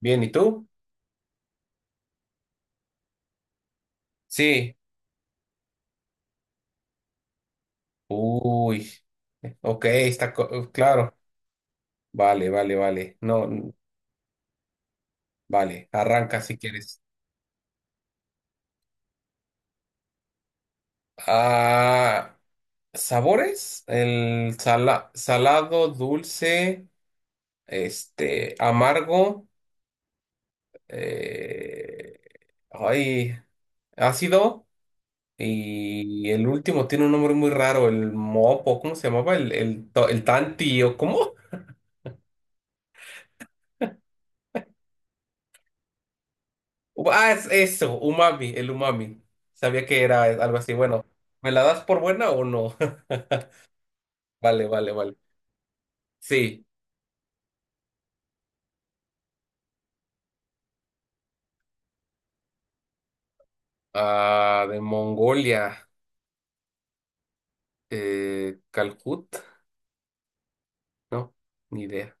Bien, ¿y tú? Sí. Uy. Ok, claro. Vale, vale, vale. No, vale. Arranca si quieres. Ah, ¿sabores? El salado, dulce, este, amargo, eh, ay, ácido. Y el último tiene un nombre muy raro, el mopo, ¿cómo se llamaba? El, el tanti, ¿o cómo? Ah, es eso, umami, el umami. Sabía que era algo así. Bueno, ¿me la das por buena o no? Vale, vale, vale. Sí. Ah, de Mongolia. Calcut. No, ni idea.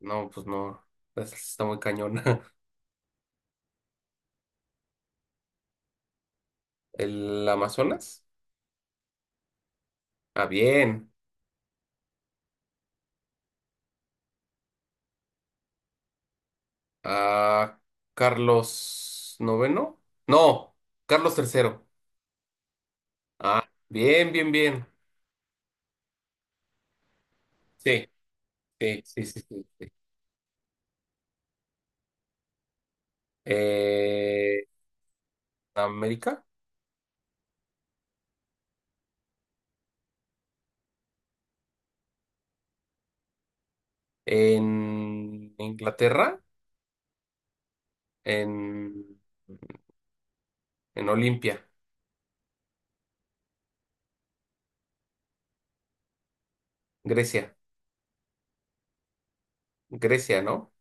No, pues no. Está muy cañón. ¿El Amazonas? Ah, bien. Ah, Carlos IX. No, Carlos III. Ah, bien, bien, bien. Sí, sí, sí, sí, sí. Sí. Eh, ¿América? En Inglaterra, en, en Olimpia, Grecia, Grecia, ¿no?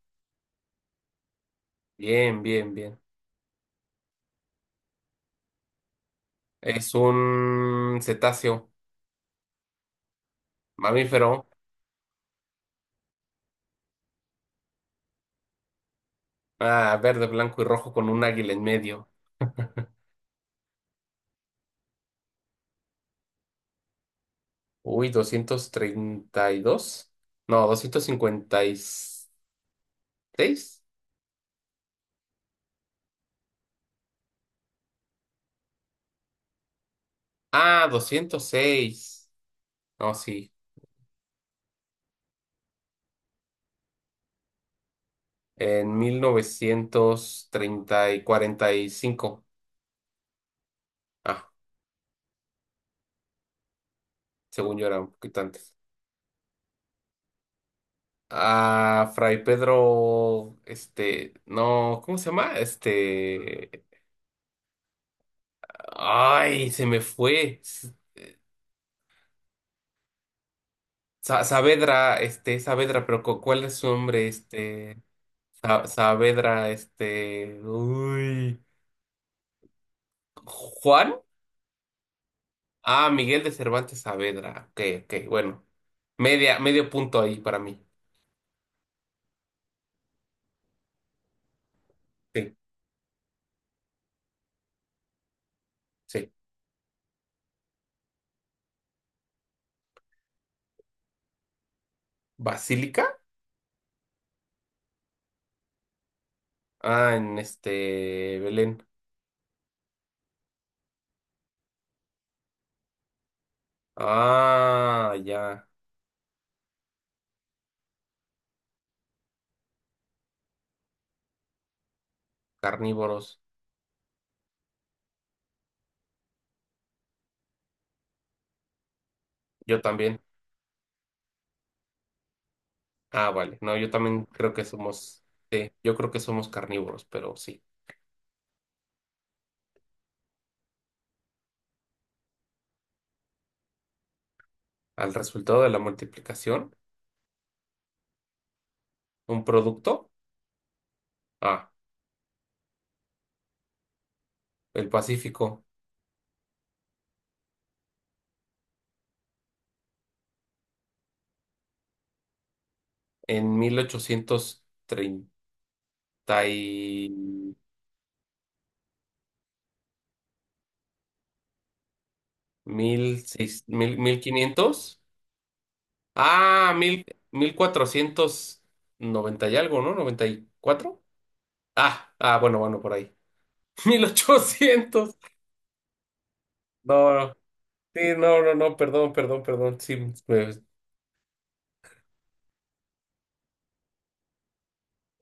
Bien, bien, bien. Es un cetáceo, mamífero, ah, verde, blanco y rojo con un águila en medio. Uy, 232. No, 256. Ah, 206. No, sí. En 1930 y 45. Ah, según yo era un poquito antes. A Fray Pedro, este, no, ¿cómo se llama? Este, ay, se me fue. Saavedra, este, Saavedra, pero ¿cuál es su nombre? Este, Saavedra, este, uy, Juan. Ah, Miguel de Cervantes Saavedra. Ok, ok, bueno. Media, medio punto ahí para mí. Sí, sí. ¿Basílica? Ah, en este, Belén. Ah, ya. Carnívoros. Yo también. Ah, vale. No, yo también creo que somos, yo creo que somos carnívoros, pero sí. Al resultado de la multiplicación, un producto. Ah, el Pacífico. En 1830 y 1500. Ah, mil cuatrocientos noventa y algo, ¿no? 94. Ah, ah, bueno, bueno, por ahí. 1800. No, no, sí, no, no, no, perdón, perdón, perdón. Sí, pues,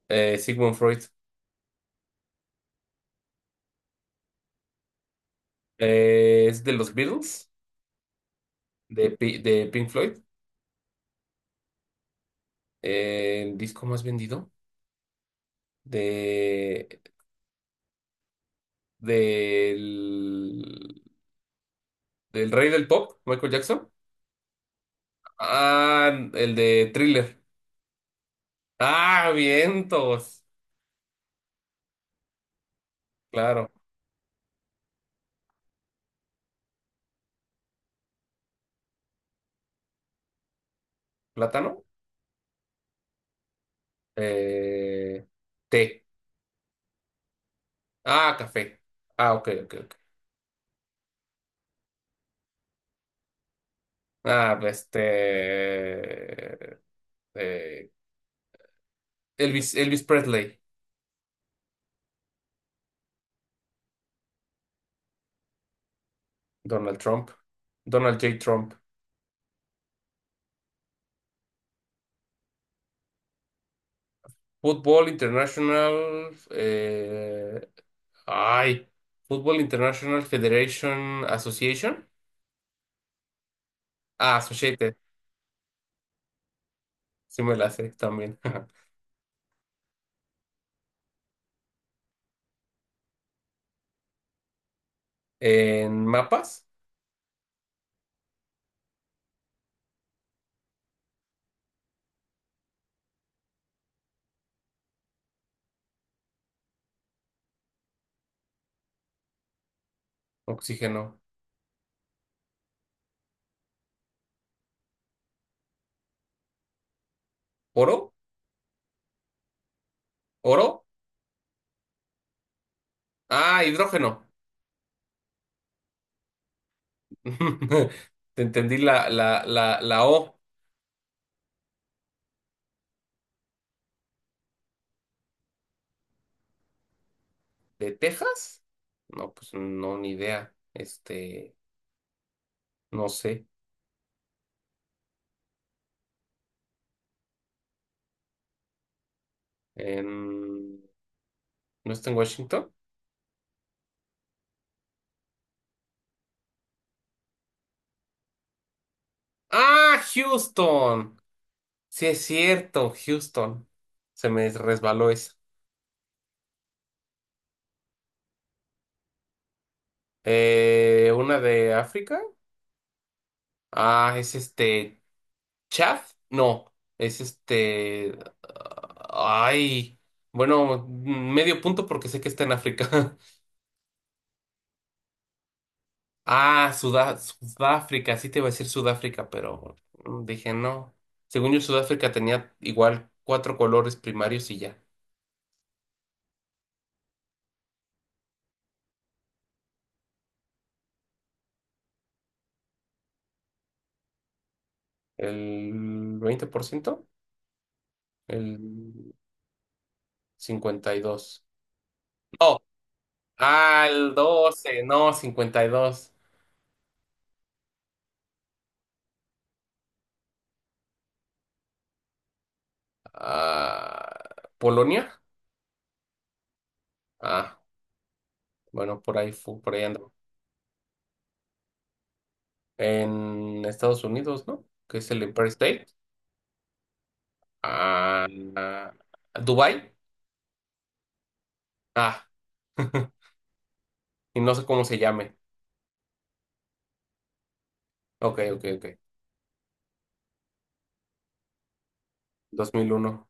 Sigmund Freud. Es de los Beatles, de Pink Floyd. El disco más vendido de, del, del rey del pop, Michael Jackson. Ah, el de Thriller. Ah, vientos. Claro. Plátano. Eh, Té. Ah, café. Ah, ok, ok, ok. Ah, pues, este, eh, Elvis, Elvis Presley. Donald Trump. Donald J. Trump. Fútbol International, ay, Fútbol International Federation Association. Ah, Associated. Sí me la sé también. En mapas. Oxígeno. Oro. Oro. Ah, hidrógeno. Te entendí la O de Texas. No, pues no, ni idea. Este, no sé. En, ¿No está en Washington? Ah, Houston. Sí, es cierto, Houston. Se me resbaló esa. Una de África. Ah, es este. Chad. No, es este. Ay. Bueno, medio punto porque sé que está en África. Ah, Sudáfrica. Sí te iba a decir Sudáfrica, pero dije no. Según yo, Sudáfrica tenía igual cuatro colores primarios y ya. ¿El 20%? El 52. Al 12 no, 52. Ah, ¿Polonia? Ah, bueno, por ahí por ahí ando. En Estados Unidos, ¿no? Que es el Empire State. Ah, Dubai. Ah, y no sé cómo se llame. Ok, ok, ok. 2001.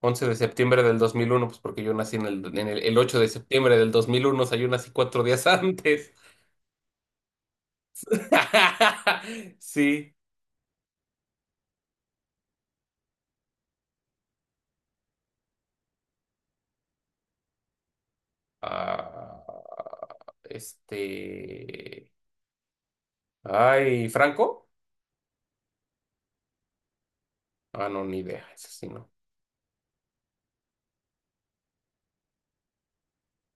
11 de septiembre del 2001, pues porque yo nací el 8 de septiembre del 2001, o sea, yo nací 4 días antes. Sí. Ah, este. Ay, ¿Franco? Ah, no, ni idea. Ese sí no.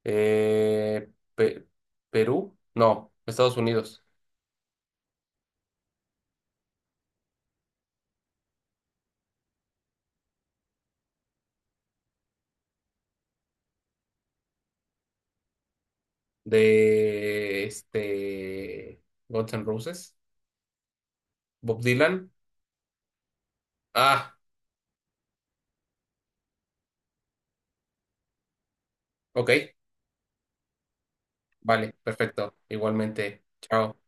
Eh, Pe- ¿Perú? No, Estados Unidos. De este. Guns N' Roses. Bob Dylan. Ah, ok. Vale, perfecto. Igualmente. Chao.